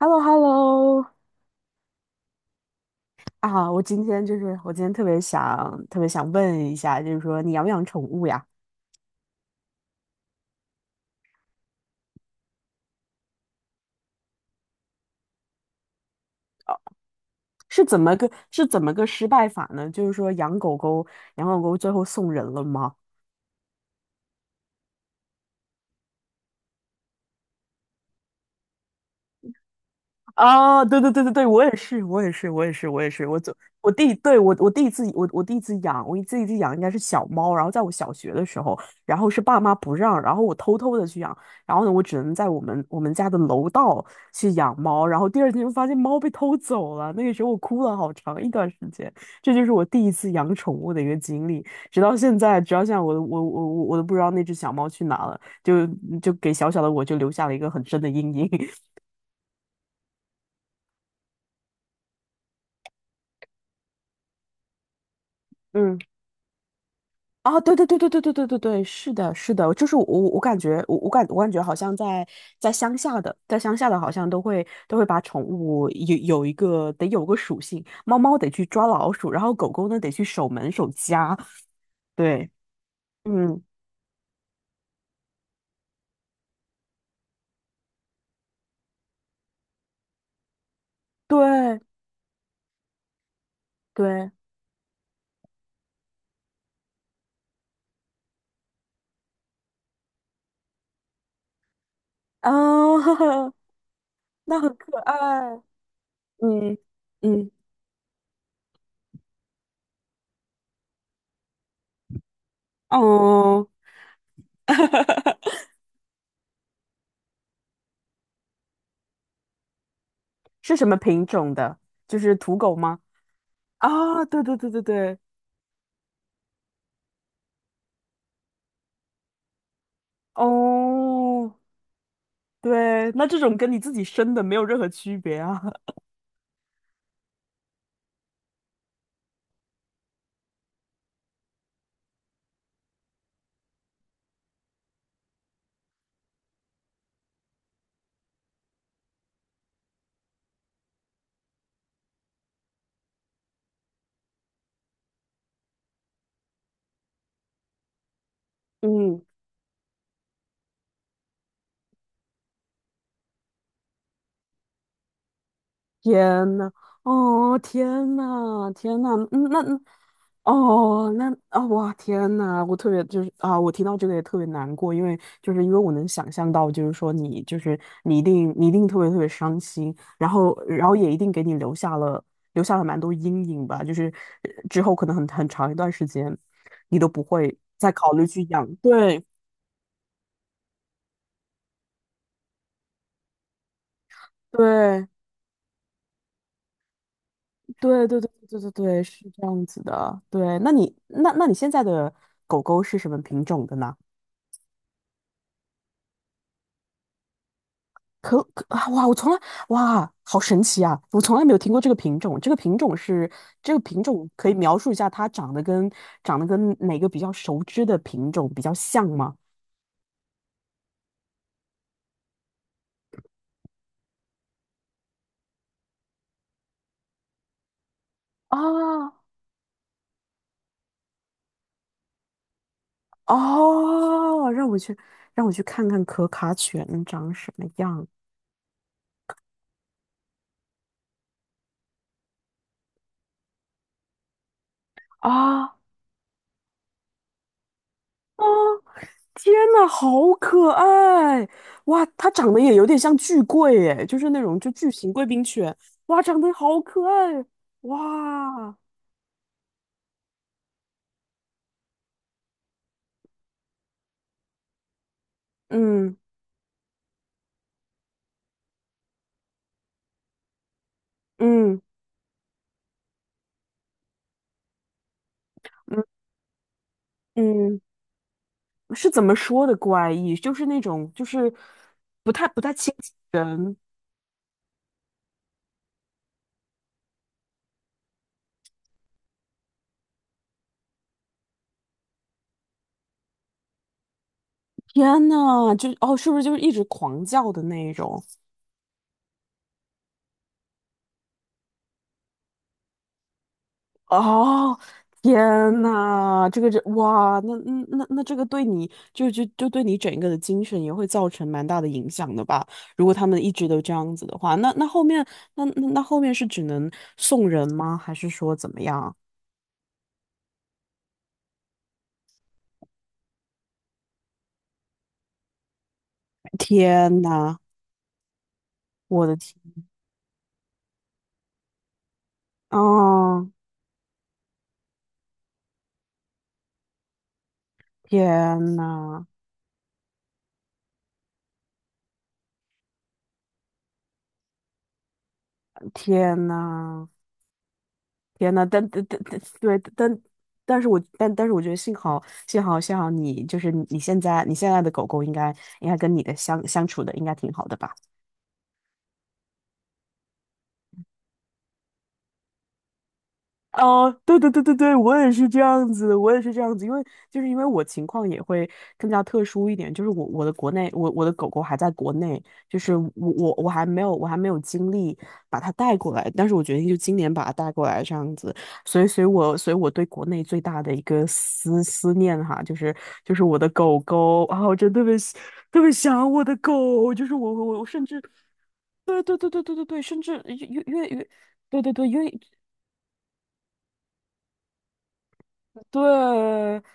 h e l l o h e l l o 啊，我今天特别想问一下，就是说你养不养宠物呀？是怎么个失败法呢？就是说养狗狗最后送人了吗？啊，对对对对对，我也是，我也是，我也是，我也是，我走，我第对，我第一次养应该是小猫，然后在我小学的时候，然后是爸妈不让，然后我偷偷的去养，然后呢，我只能在我们家的楼道去养猫，然后第二天就发现猫被偷走了，那个时候我哭了好长一段时间，这就是我第一次养宠物的一个经历，直到现在，我都不知道那只小猫去哪了，就给小小的我就留下了一个很深的阴影，嗯啊，对对对对对对对对对，是的，是的，就是我感觉好像在乡下的，好像都会把宠物有有一个得有个属性，猫猫得去抓老鼠，然后狗狗呢得去守门守家，对，嗯，对对，啊，那很可爱，嗯嗯，哦，是什么品种的？就是土狗吗？啊，对对对对对，哦。对，那这种跟你自己生的没有任何区别啊。嗯，天呐，哦，天呐，天呐，嗯，嗯哦，那啊，哇，天呐，我特别我听到这个也特别难过，因为我能想象到，就是说你一定特别特别伤心，然后也一定给你留下了蛮多阴影吧，就是之后可能很长一段时间，你都不会再考虑去养，对对。对对对对对对，是这样子的。对，那你现在的狗狗是什么品种的呢？啊，哇，我从来哇，好神奇啊！我从来没有听过这个品种。可以描述一下它长得跟哪个比较熟知的品种比较像吗？啊哦，让我去看看可卡犬长什么样啊。啊，天呐，好可爱！哇，它长得也有点像巨贵诶，就是那种就巨型贵宾犬。哇，长得好可爱！哇，嗯嗯嗯嗯，是怎么说的怪异？就是那种就是不太亲近人。天呐，哦，是不是就是一直狂叫的那一种？哦，天呐，这个这哇，那这个对你就就就对你整个的精神也会造成蛮大的影响的吧？如果他们一直都这样子的话，那后面是只能送人吗？还是说怎么样？天呐，我的天，哦，天呐，天呐。天呐，但但但但对，但是我觉得幸好你现在的狗狗应该跟你的相处的应该挺好的吧？哦，对对对对对，我也是这样子，我也是这样子，因为我情况也会更加特殊一点，就是我的狗狗还在国内，就是我还没有精力把它带过来，但是我决定就今年把它带过来这样子，所以我对国内最大的一个思念哈，就是我的狗狗啊，我真的特别想我的狗，就是我甚至对对对对对对对，甚至越越越。对对对，因为对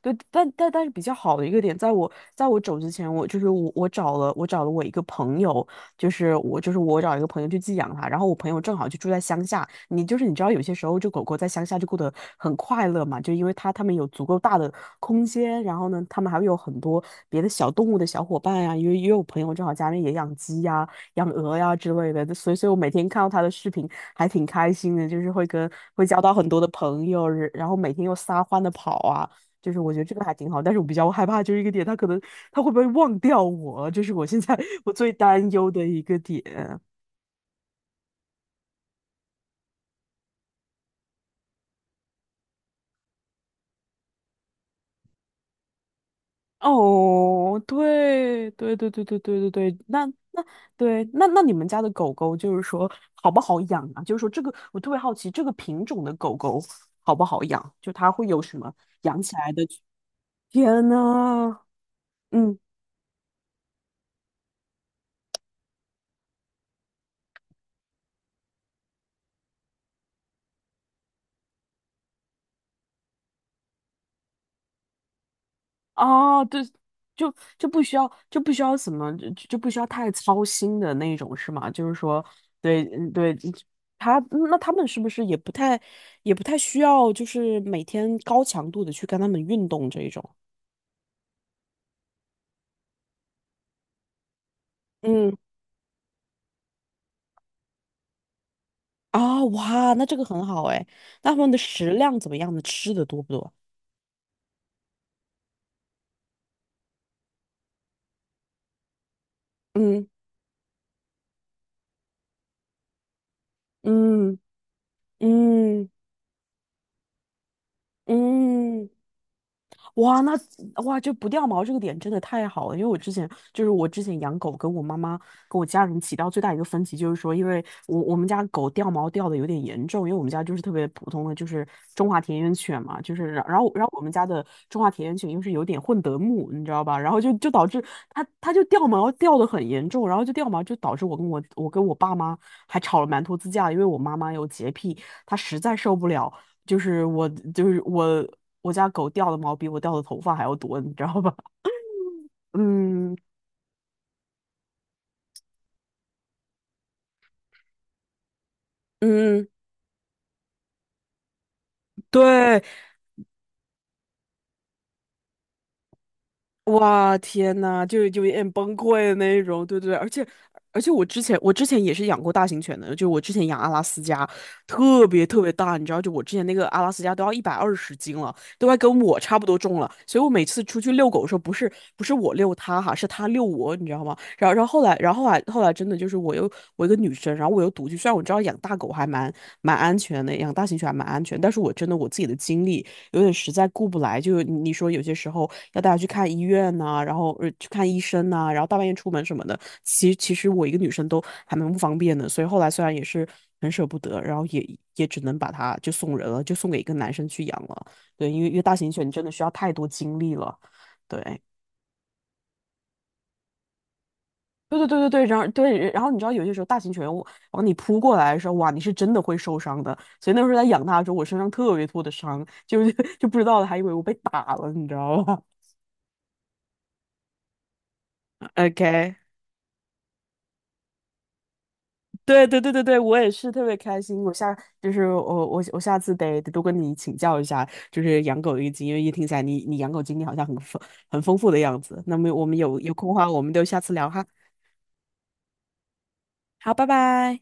对，但是比较好的一个点，在我走之前，我我一个朋友，就是我找一个朋友去寄养它，然后我朋友正好就住在乡下，你就是你知道有些时候就狗狗在乡下就过得很快乐嘛，就因为它们有足够大的空间，然后呢，它们还会有很多别的小动物的小伙伴呀、因为也有朋友正好家里也养鸡呀、养鹅呀之类的，所以我每天看到他的视频还挺开心的，就是会交到很多的朋友，然后每天又撒欢的跑啊，就是我觉得这个还挺好，但是我比较害怕就是一个点，他可能他会不会忘掉我，这是我现在我最担忧的一个点。哦，对对对对对对对对，那对，你们家的狗狗就是说好不好养啊？就是说这个我特别好奇，这个品种的狗狗好不好养？就它会有什么养起来的？天呐，嗯，啊，对，就就不需要就不需要什么就就不需要太操心的那种是吗？就是说，对，对，他们是不是也不太需要，就是每天高强度的去跟他们运动这一种？嗯，啊，哇，那这个很好哎。那他们的食量怎么样呢？吃的多不多？嗯嗯嗯嗯。哇，哇，就不掉毛这个点真的太好了，因为我之前养狗，跟我家人起到最大一个分歧就是说，因为我们家狗掉毛掉的有点严重，因为我们家就是特别普通的就是中华田园犬嘛，就是然后我们家的中华田园犬又是有点混德牧，你知道吧？然后就导致它就掉毛掉的很严重，然后就掉毛就导致我爸妈还吵了蛮多次架，因为我妈妈有洁癖，她实在受不了。就是我我家狗掉的毛比我掉的头发还要多，你知道吧？嗯嗯，对，哇，天呐，就有点崩溃的那种，对对对，而且我之前也是养过大型犬的，就我之前养阿拉斯加，特别特别大，你知道，就我之前那个阿拉斯加都要120斤了，都快跟我差不多重了，所以我每次出去遛狗的时候，不是我遛它哈，是它遛我，你知道吗？然后然后后来然后后来后来真的就是我一个女生，然后我又独居，虽然我知道养大狗还蛮安全的，养大型犬还蛮安全，但是我真的我自己的经历。有点实在顾不来，就你说有些时候要带它去看医院呐、然后去看医生呐、然后大半夜出门什么的，其实我一个女生都还蛮不方便的，所以后来虽然也是很舍不得，然后也只能把它就送人了，就送给一个男生去养了。对，因为大型犬真的需要太多精力了，对。对对对对对，然后对，然后你知道有些时候大型犬往你扑过来的时候，哇，你是真的会受伤的。所以那时候在养它的时候，我身上特别多的伤，就是 就不知道它还以为我被打了，你知道吧？OK，对对对对对，我也是特别开心。我下就是我我我下次得多跟你请教一下，就是养狗的一个经验，因为一听起来你养狗经历好像很丰富的样子。那么我们有空的话，我们就下次聊哈。好，拜拜。